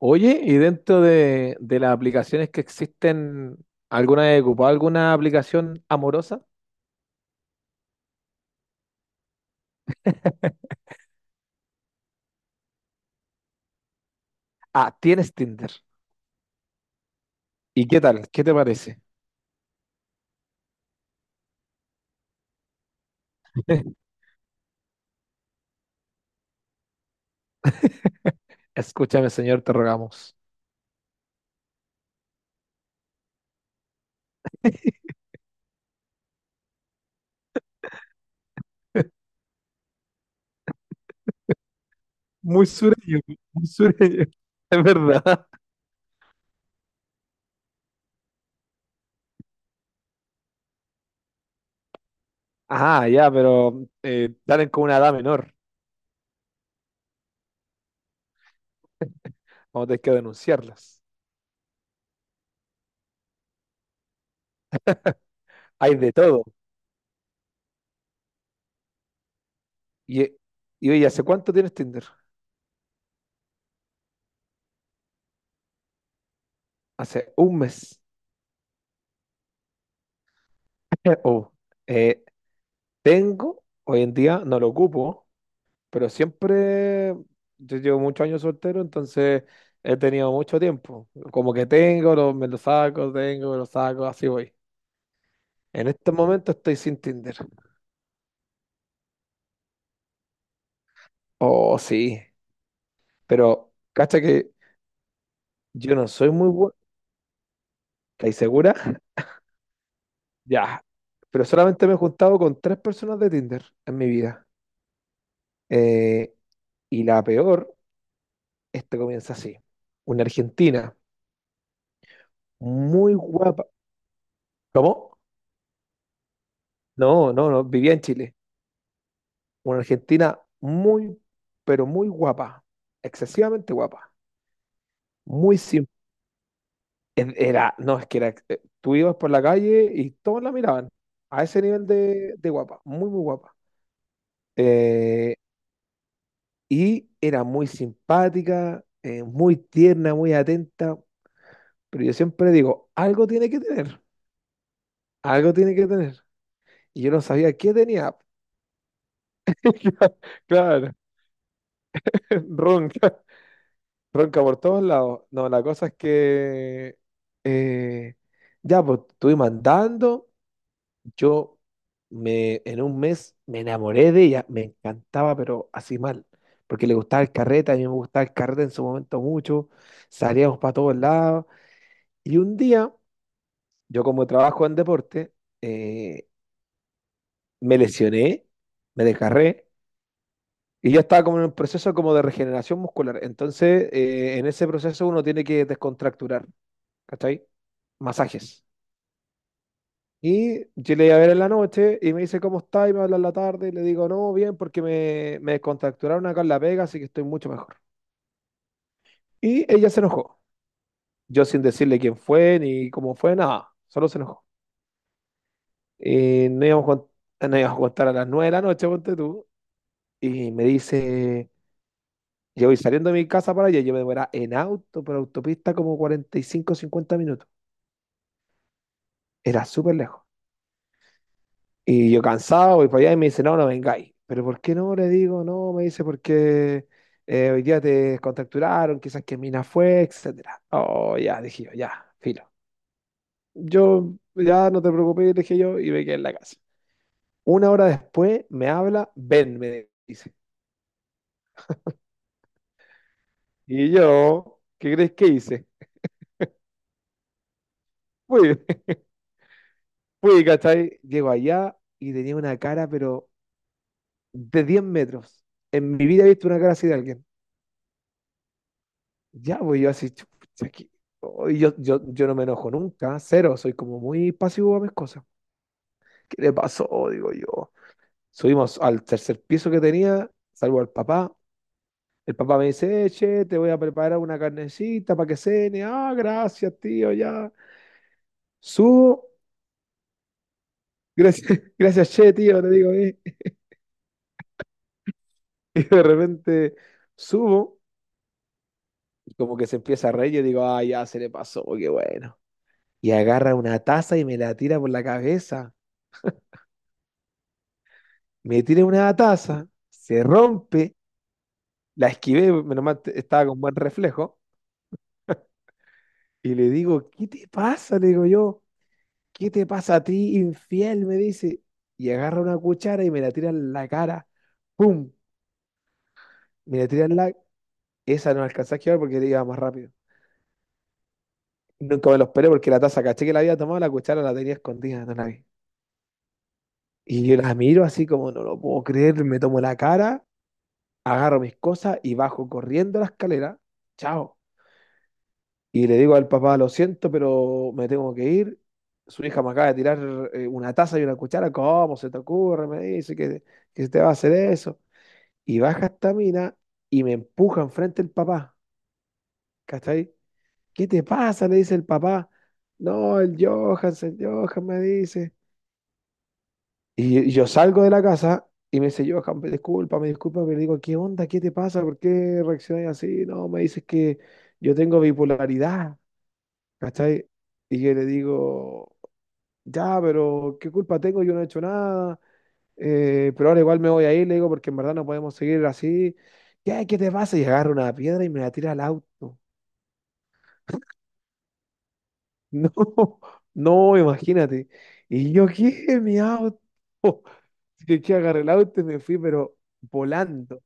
Oye, y dentro de las aplicaciones que existen, ¿alguna vez ocupado alguna aplicación amorosa? Ah, tienes Tinder. ¿Y qué tal? ¿Qué te parece? Escúchame, señor, te rogamos. Muy sureño, muy sureño. Es verdad. Ah, ya, pero salen con una edad menor. Vamos a tener que denunciarlas. Hay de todo. Y, eh, y, oye, ¿hace cuánto tienes Tinder? Hace un mes. Oh, eh, tengo, hoy en día no lo ocupo. Pero siempre, yo llevo muchos años soltero, entonces he tenido mucho tiempo. Como que tengo, me lo saco, tengo, me lo saco, así voy. En este momento estoy sin Tinder. Oh, sí. Pero, cacha que yo no soy muy bueno. ¿Estáis segura? Ya. Pero solamente me he juntado con tres personas de Tinder en mi vida. Eh, y la peor, esto comienza así. Una argentina muy guapa. ¿Cómo? No, no, no, vivía en Chile. Una argentina muy, pero muy guapa, excesivamente guapa, muy simple. Era, no, es que era, tú ibas por la calle y todos la miraban a ese nivel de guapa, muy, muy guapa. Eh, y era muy simpática, muy tierna, muy atenta, pero yo siempre digo, algo tiene que tener, algo tiene que tener. Y yo no sabía qué tenía. Claro, ronca. Ronca por todos lados. No, la cosa es que eh, ya, pues estuve mandando. Yo en un mes me enamoré de ella, me encantaba, pero así mal, porque le gustaba el carrete, a mí me gustaba el carrete en su momento mucho, salíamos para todos lados. Y un día, yo como trabajo en deporte, eh, me lesioné, me desgarré. Y yo estaba como en un proceso como de regeneración muscular. Entonces, en ese proceso uno tiene que descontracturar. ¿Cachai? Masajes. Y yo le iba a ver en la noche y me dice, ¿cómo está? Y me habla en la tarde y le digo, no, bien, porque me descontracturaron acá en La Vega, así que estoy mucho mejor. Y ella se enojó. Yo sin decirle quién fue ni cómo fue, nada, solo se enojó. Y no íbamos, con- no íbamos a contar a las 9 de la noche, ponte tú. Y me dice, yo voy saliendo de mi casa para allá, yo me demoraba en auto por autopista como 45 50 minutos. Era súper lejos. Y yo cansado voy para allá y me dice, no, no vengáis. Pero ¿por qué no? Le digo, no, me dice, porque hoy día te contracturaron, quizás que mina fue, etcétera. Oh, ya, dije yo, ya, filo. Yo, ya, no te preocupes, le dije yo, y me quedé en la casa. Una hora después me habla, ven, me dice. Y yo, ¿qué crees que hice? Fui, fui, ¿cachai? Llego allá y tenía una cara, pero de 10 metros. En mi vida he visto una cara así de alguien. Ya, voy yo así, chupucha, aquí. Oh, y yo no me enojo nunca, cero, soy como muy pasivo a mis cosas. ¿Qué le pasó? Digo yo. Subimos al tercer piso que tenía, salvo al papá. El papá me dice, che, te voy a preparar una carnecita para que cene. Ah, gracias, tío, ya. Subo, gracias, gracias, che, tío, le digo. Y de repente subo, y como que se empieza a reír, y digo, ah, ya se le pasó, qué bueno. Y agarra una taza y me la tira por la cabeza. Me tiré una taza, se rompe, la esquivé, menos mal estaba con buen reflejo, y le digo, ¿qué te pasa? Le digo yo, ¿qué te pasa a ti, infiel? Me dice, y agarra una cuchara y me la tira en la cara, ¡pum! Me la tira en la... Esa no alcanzé a esquivar porque iba más rápido. Nunca me lo esperé porque la taza, caché que la había tomado, la cuchara la tenía escondida, no la vi. Y yo la miro así como, no lo puedo creer, me tomo la cara, agarro mis cosas y bajo corriendo la escalera. Chao. Y le digo al papá, lo siento, pero me tengo que ir. Su hija me acaba de tirar una taza y una cuchara. ¿Cómo se te ocurre? Me dice que se te va a hacer eso. Y baja esta mina y me empuja enfrente el papá. ¿Cachai? ¿Qué te pasa? Le dice el papá. No, el Johan me dice. Y yo salgo de la casa y me dice, Johan, me disculpa, pero le digo, ¿qué onda? ¿Qué te pasa? ¿Por qué reaccionas así? No, me dices que yo tengo bipolaridad. ¿Cachai? Y yo le digo, ya, pero ¿qué culpa tengo? Yo no he hecho nada, pero ahora igual me voy a ir, le digo, porque en verdad no podemos seguir así. ¿Qué te pasa? Y agarro una piedra y me la tira al auto. No, no, imagínate. Y yo, ¿qué? Mi auto. Así que agarré el auto y me fui, pero volando.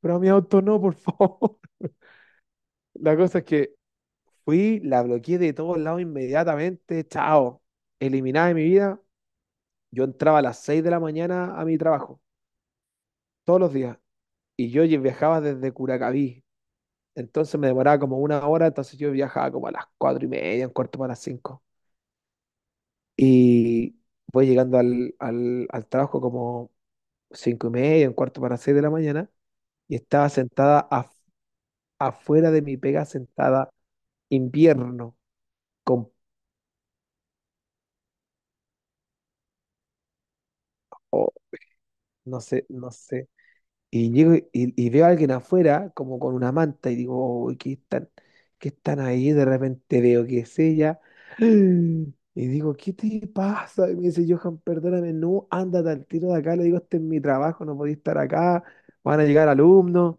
Pero a mi auto no, por favor. La cosa es que fui, la bloqueé de todos lados inmediatamente. Chao. Eliminada de mi vida. Yo entraba a las 6 de la mañana a mi trabajo, todos los días. Y yo viajaba desde Curacaví. Entonces me demoraba como una hora, entonces yo viajaba como a las 4:30, un cuarto para las 5. Y voy llegando al trabajo como 5:30, un cuarto para 6 de la mañana, y estaba sentada afuera de mi pega, sentada invierno, con, oh, no sé, no sé. Y llego y veo a alguien afuera, como con una manta, y digo, "Uy, qué están ahí? De repente veo que es ella. Y digo, ¿qué te pasa? Y me dice, Johan, perdóname, no, ándate al tiro de acá. Le digo, este es mi trabajo, no podía estar acá, van a llegar alumnos.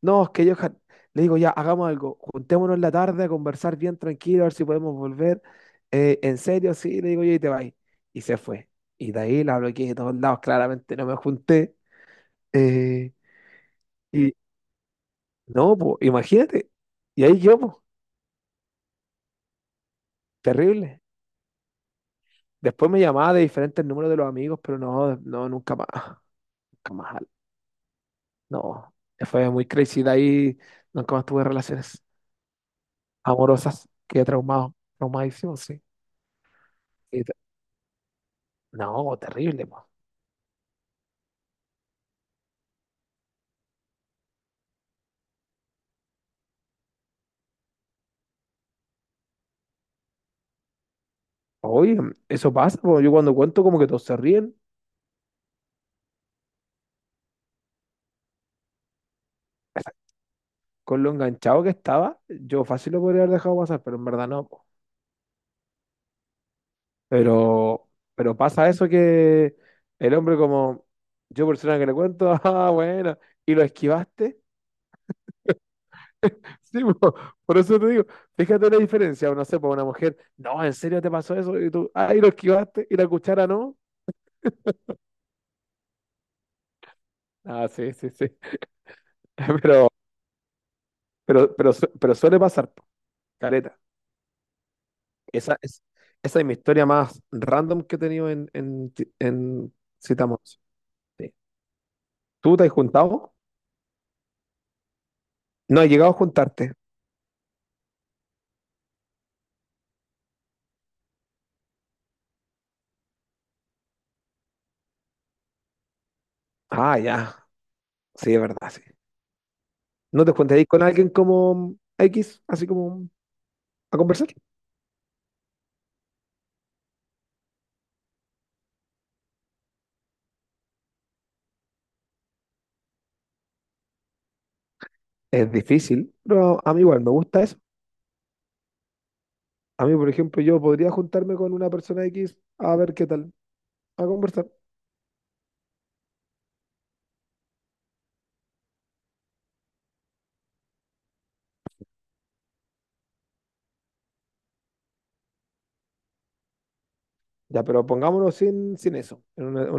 No, es que Johan, le digo, ya, hagamos algo, juntémonos en la tarde a conversar bien tranquilo, a ver si podemos volver. En serio, sí, le digo, yo y te vas. Y se fue. Y de ahí la bloqueé de todos lados, claramente no me junté. eh, no, po, imagínate. Y ahí yo, po, terrible. Después me llamaba de diferentes números de los amigos, pero no, no, nunca más. Nunca más. No, fue muy crazy. De ahí nunca más tuve relaciones amorosas. Quedé traumado, traumadísimo, sí. Y te- No, terrible, po. Oye, eso pasa, po. Yo cuando cuento como que todos se ríen. Con lo enganchado que estaba, yo fácil lo podría haber dejado pasar, pero en verdad no. Pero, pero pasa eso que el hombre como yo persona que le cuento, ah, bueno, y lo esquivaste. Sí, po, por eso te digo, fíjate la diferencia, no sé, por una mujer, no, ¿en serio te pasó eso? Y tú, ah, y lo esquivaste, y la cuchara no. Ah, sí, sí, sí. Pero, pero suele pasar, po, caleta. Esa es, esa es mi historia más random que he tenido en, Citamos. Sí. ¿Tú te has juntado? No, he llegado a juntarte. Ah, ya. Sí, es verdad, sí. ¿No te juntarías con alguien como X, así como a conversar? Es difícil, pero a mí igual me gusta eso. A mí, por ejemplo, yo podría juntarme con una persona X a ver qué tal, a conversar. Ya, pero pongámonos sin eso, en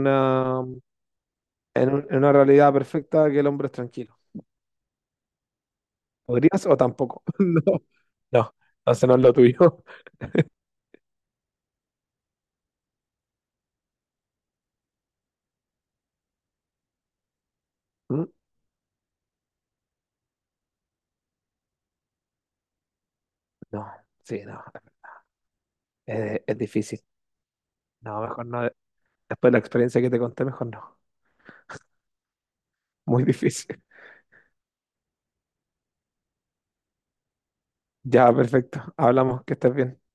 una- en un- en una realidad perfecta que el hombre es tranquilo. ¿Podrías o tampoco? No, no, entonces no es lo tuyo. Mm. No, sí, no, es difícil. No, mejor no. Después de la experiencia que te conté, mejor no. Muy difícil. Ya, perfecto. Hablamos, que estés bien.